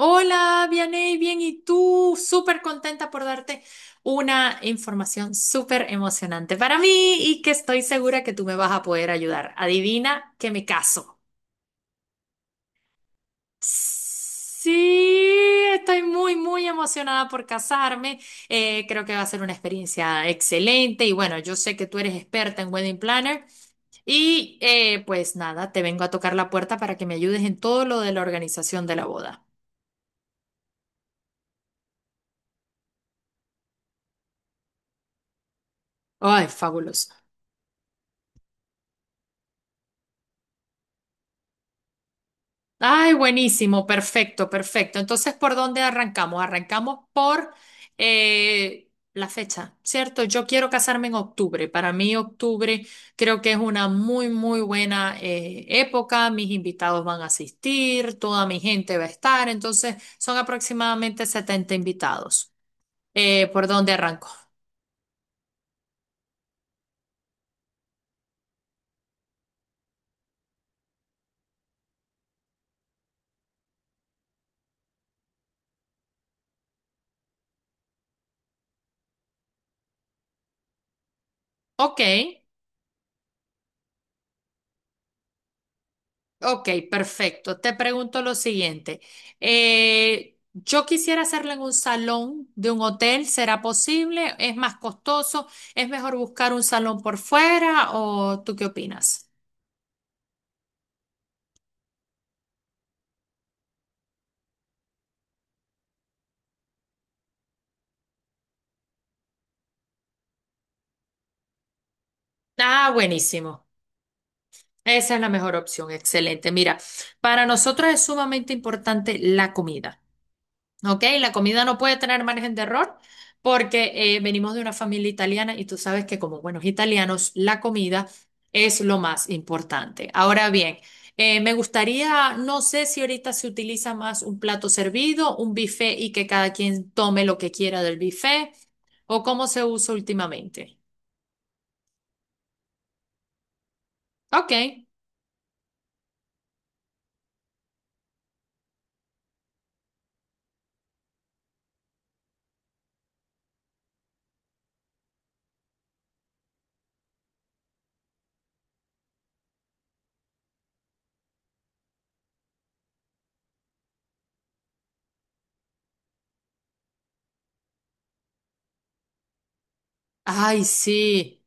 Hola, Vianey, bien, ¿y tú? Súper contenta por darte una información súper emocionante para mí y que estoy segura que tú me vas a poder ayudar. Adivina que me caso. Sí, estoy muy, muy emocionada por casarme. Creo que va a ser una experiencia excelente y bueno, yo sé que tú eres experta en wedding planner y pues nada, te vengo a tocar la puerta para que me ayudes en todo lo de la organización de la boda. Ay, fabuloso. Ay, buenísimo, perfecto, perfecto. Entonces, ¿por dónde arrancamos? Arrancamos por la fecha, ¿cierto? Yo quiero casarme en octubre. Para mí, octubre creo que es una muy, muy buena época. Mis invitados van a asistir, toda mi gente va a estar. Entonces, son aproximadamente 70 invitados. ¿Por dónde arranco? Ok. Ok, perfecto. Te pregunto lo siguiente. Yo quisiera hacerlo en un salón de un hotel. ¿Será posible? ¿Es más costoso? ¿Es mejor buscar un salón por fuera? ¿O tú qué opinas? Ah, buenísimo. Esa es la mejor opción. Excelente. Mira, para nosotros es sumamente importante la comida. ¿Ok? La comida no puede tener margen de error porque venimos de una familia italiana y tú sabes que como buenos italianos, la comida es lo más importante. Ahora bien, me gustaría, no sé si ahorita se utiliza más un plato servido, un buffet y que cada quien tome lo que quiera del buffet o cómo se usa últimamente. Ok. Ay, sí.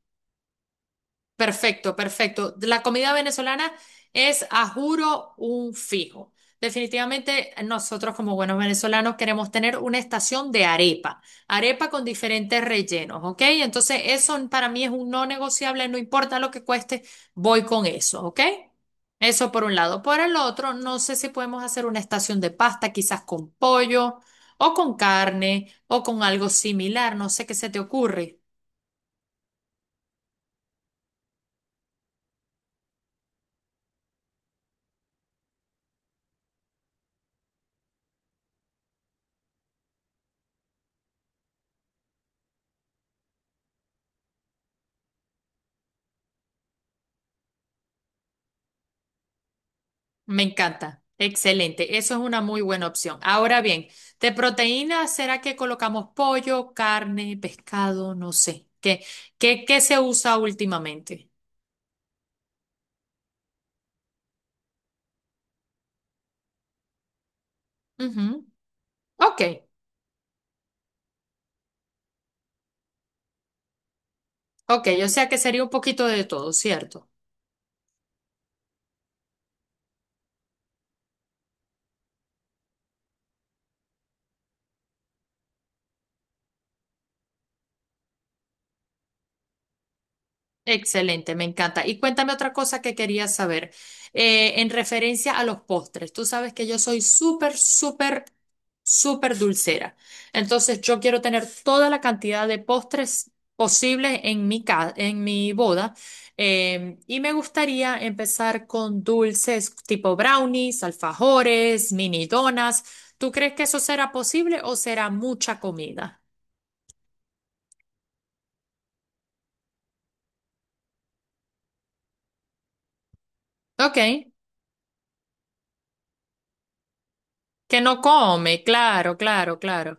Perfecto, perfecto. La comida venezolana es, a juro, un fijo. Definitivamente nosotros como buenos venezolanos queremos tener una estación de arepa, arepa con diferentes rellenos, ¿ok? Entonces eso para mí es un no negociable, no importa lo que cueste, voy con eso, ¿ok? Eso por un lado. Por el otro, no sé si podemos hacer una estación de pasta, quizás con pollo o con carne o con algo similar, no sé qué se te ocurre. Me encanta. Excelente. Eso es una muy buena opción. Ahora bien, de proteínas, ¿será que colocamos pollo, carne, pescado? No sé. ¿Qué se usa últimamente? Ujú. Ok, ok. O sea que sería un poquito de todo, ¿cierto? Excelente, me encanta. Y cuéntame otra cosa que quería saber, en referencia a los postres. Tú sabes que yo soy súper, súper, súper dulcera. Entonces, yo quiero tener toda la cantidad de postres posibles en en mi boda. Y me gustaría empezar con dulces tipo brownies, alfajores, mini donas. ¿Tú crees que eso será posible o será mucha comida? Ok, que no come, claro, claro, claro.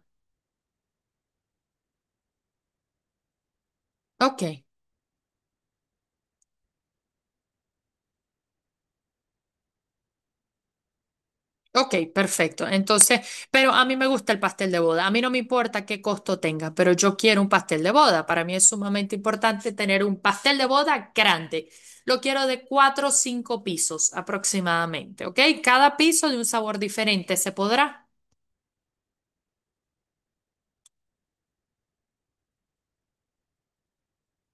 Ok. Ok, perfecto. Entonces, pero a mí me gusta el pastel de boda. A mí no me importa qué costo tenga, pero yo quiero un pastel de boda. Para mí es sumamente importante tener un pastel de boda grande. Lo quiero de cuatro o cinco pisos aproximadamente, ¿ok? Cada piso de un sabor diferente, ¿se podrá?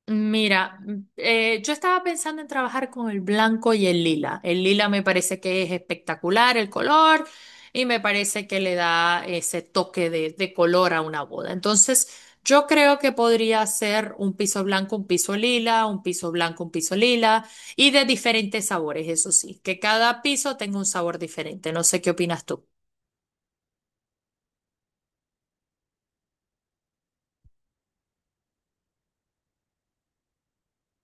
Mira, yo estaba pensando en trabajar con el blanco y el lila. El lila me parece que es espectacular el color y me parece que le da ese toque de color a una boda. Entonces, yo creo que podría ser un piso blanco, un piso lila, un piso blanco, un piso lila y de diferentes sabores, eso sí, que cada piso tenga un sabor diferente. No sé qué opinas tú.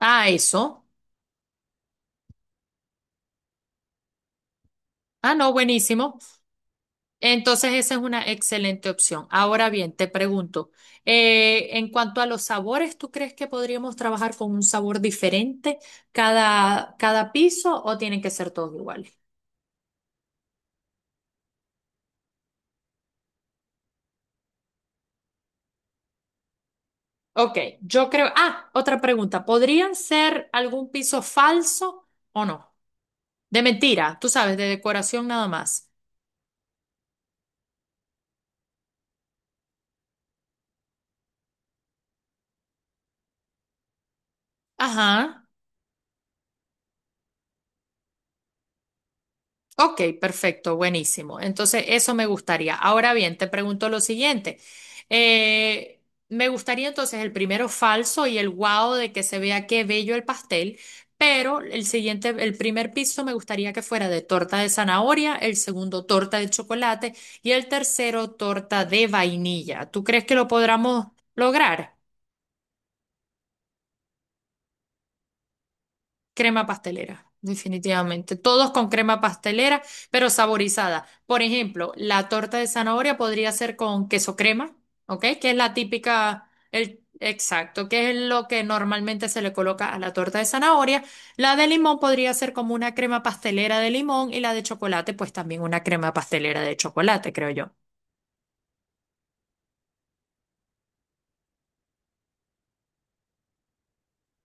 Ah, eso. Ah, no, buenísimo. Entonces, esa es una excelente opción. Ahora bien, te pregunto, en cuanto a los sabores, ¿tú crees que podríamos trabajar con un sabor diferente cada piso o tienen que ser todos iguales? Ok, yo creo. Ah, otra pregunta. ¿Podrían ser algún piso falso o no? De mentira, tú sabes, de decoración nada más. Ajá. Ok, perfecto, buenísimo. Entonces, eso me gustaría. Ahora bien, te pregunto lo siguiente. Eh, Me gustaría entonces el primero falso y el guau de que se vea qué bello el pastel, pero el siguiente, el primer piso me gustaría que fuera de torta de zanahoria, el segundo torta de chocolate y el tercero torta de vainilla. ¿Tú crees que lo podremos lograr? Crema pastelera, definitivamente. Todos con crema pastelera, pero saborizada. Por ejemplo, la torta de zanahoria podría ser con queso crema, ¿ok? Que es la típica, el, exacto, que es lo que normalmente se le coloca a la torta de zanahoria. La de limón podría ser como una crema pastelera de limón y la de chocolate, pues también una crema pastelera de chocolate, creo yo.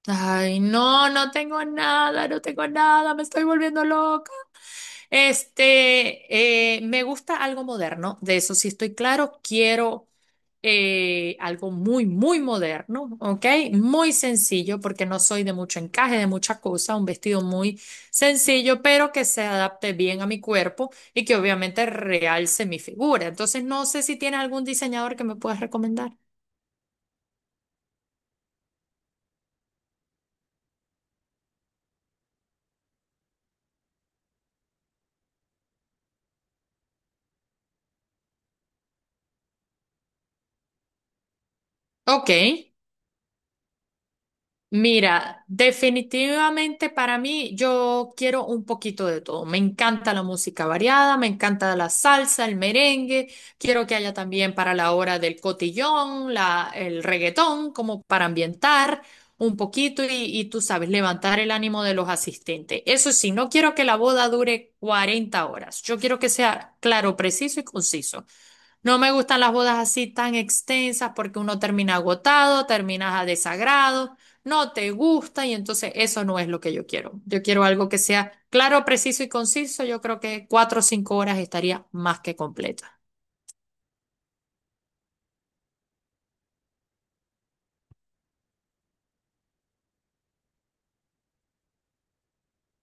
Ay, no, no tengo nada, no tengo nada, me estoy volviendo loca. Este, me gusta algo moderno, de eso sí estoy claro. Quiero algo muy, muy moderno, ¿ok? Muy sencillo, porque no soy de mucho encaje, de mucha cosa, un vestido muy sencillo, pero que se adapte bien a mi cuerpo y que obviamente realce mi figura. Entonces, no sé si tiene algún diseñador que me puedas recomendar. Ok. Mira, definitivamente para mí yo quiero un poquito de todo. Me encanta la música variada, me encanta la salsa, el merengue. Quiero que haya también para la hora del cotillón, la, el reggaetón, como para ambientar un poquito y tú sabes, levantar el ánimo de los asistentes. Eso sí, no quiero que la boda dure 40 horas. Yo quiero que sea claro, preciso y conciso. No me gustan las bodas así tan extensas porque uno termina agotado, terminas a desagrado no te gusta y entonces eso no es lo que yo quiero. Yo quiero algo que sea claro, preciso y conciso. Yo creo que 4 o 5 horas estaría más que completa.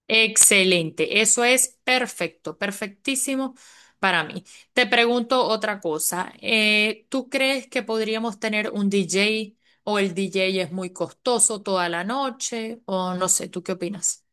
Excelente, eso es perfecto, perfectísimo para mí. Te pregunto otra cosa. ¿Tú crees que podríamos tener un DJ o el DJ es muy costoso toda la noche? O no sé, ¿tú qué opinas?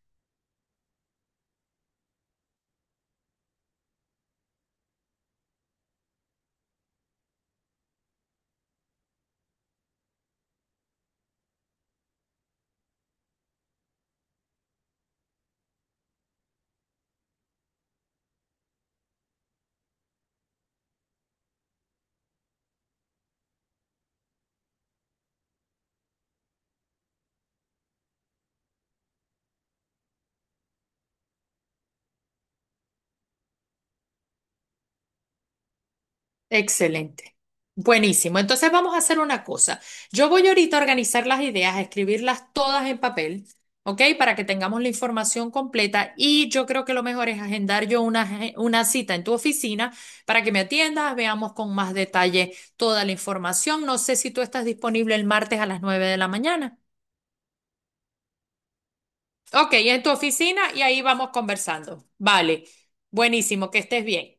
Excelente. Buenísimo. Entonces vamos a hacer una cosa. Yo voy ahorita a organizar las ideas, a escribirlas todas en papel, ¿ok? Para que tengamos la información completa y yo creo que lo mejor es agendar yo una cita en tu oficina para que me atiendas, veamos con más detalle toda la información. No sé si tú estás disponible el martes a las 9 de la mañana. Ok, en tu oficina y ahí vamos conversando. Vale. Buenísimo, que estés bien.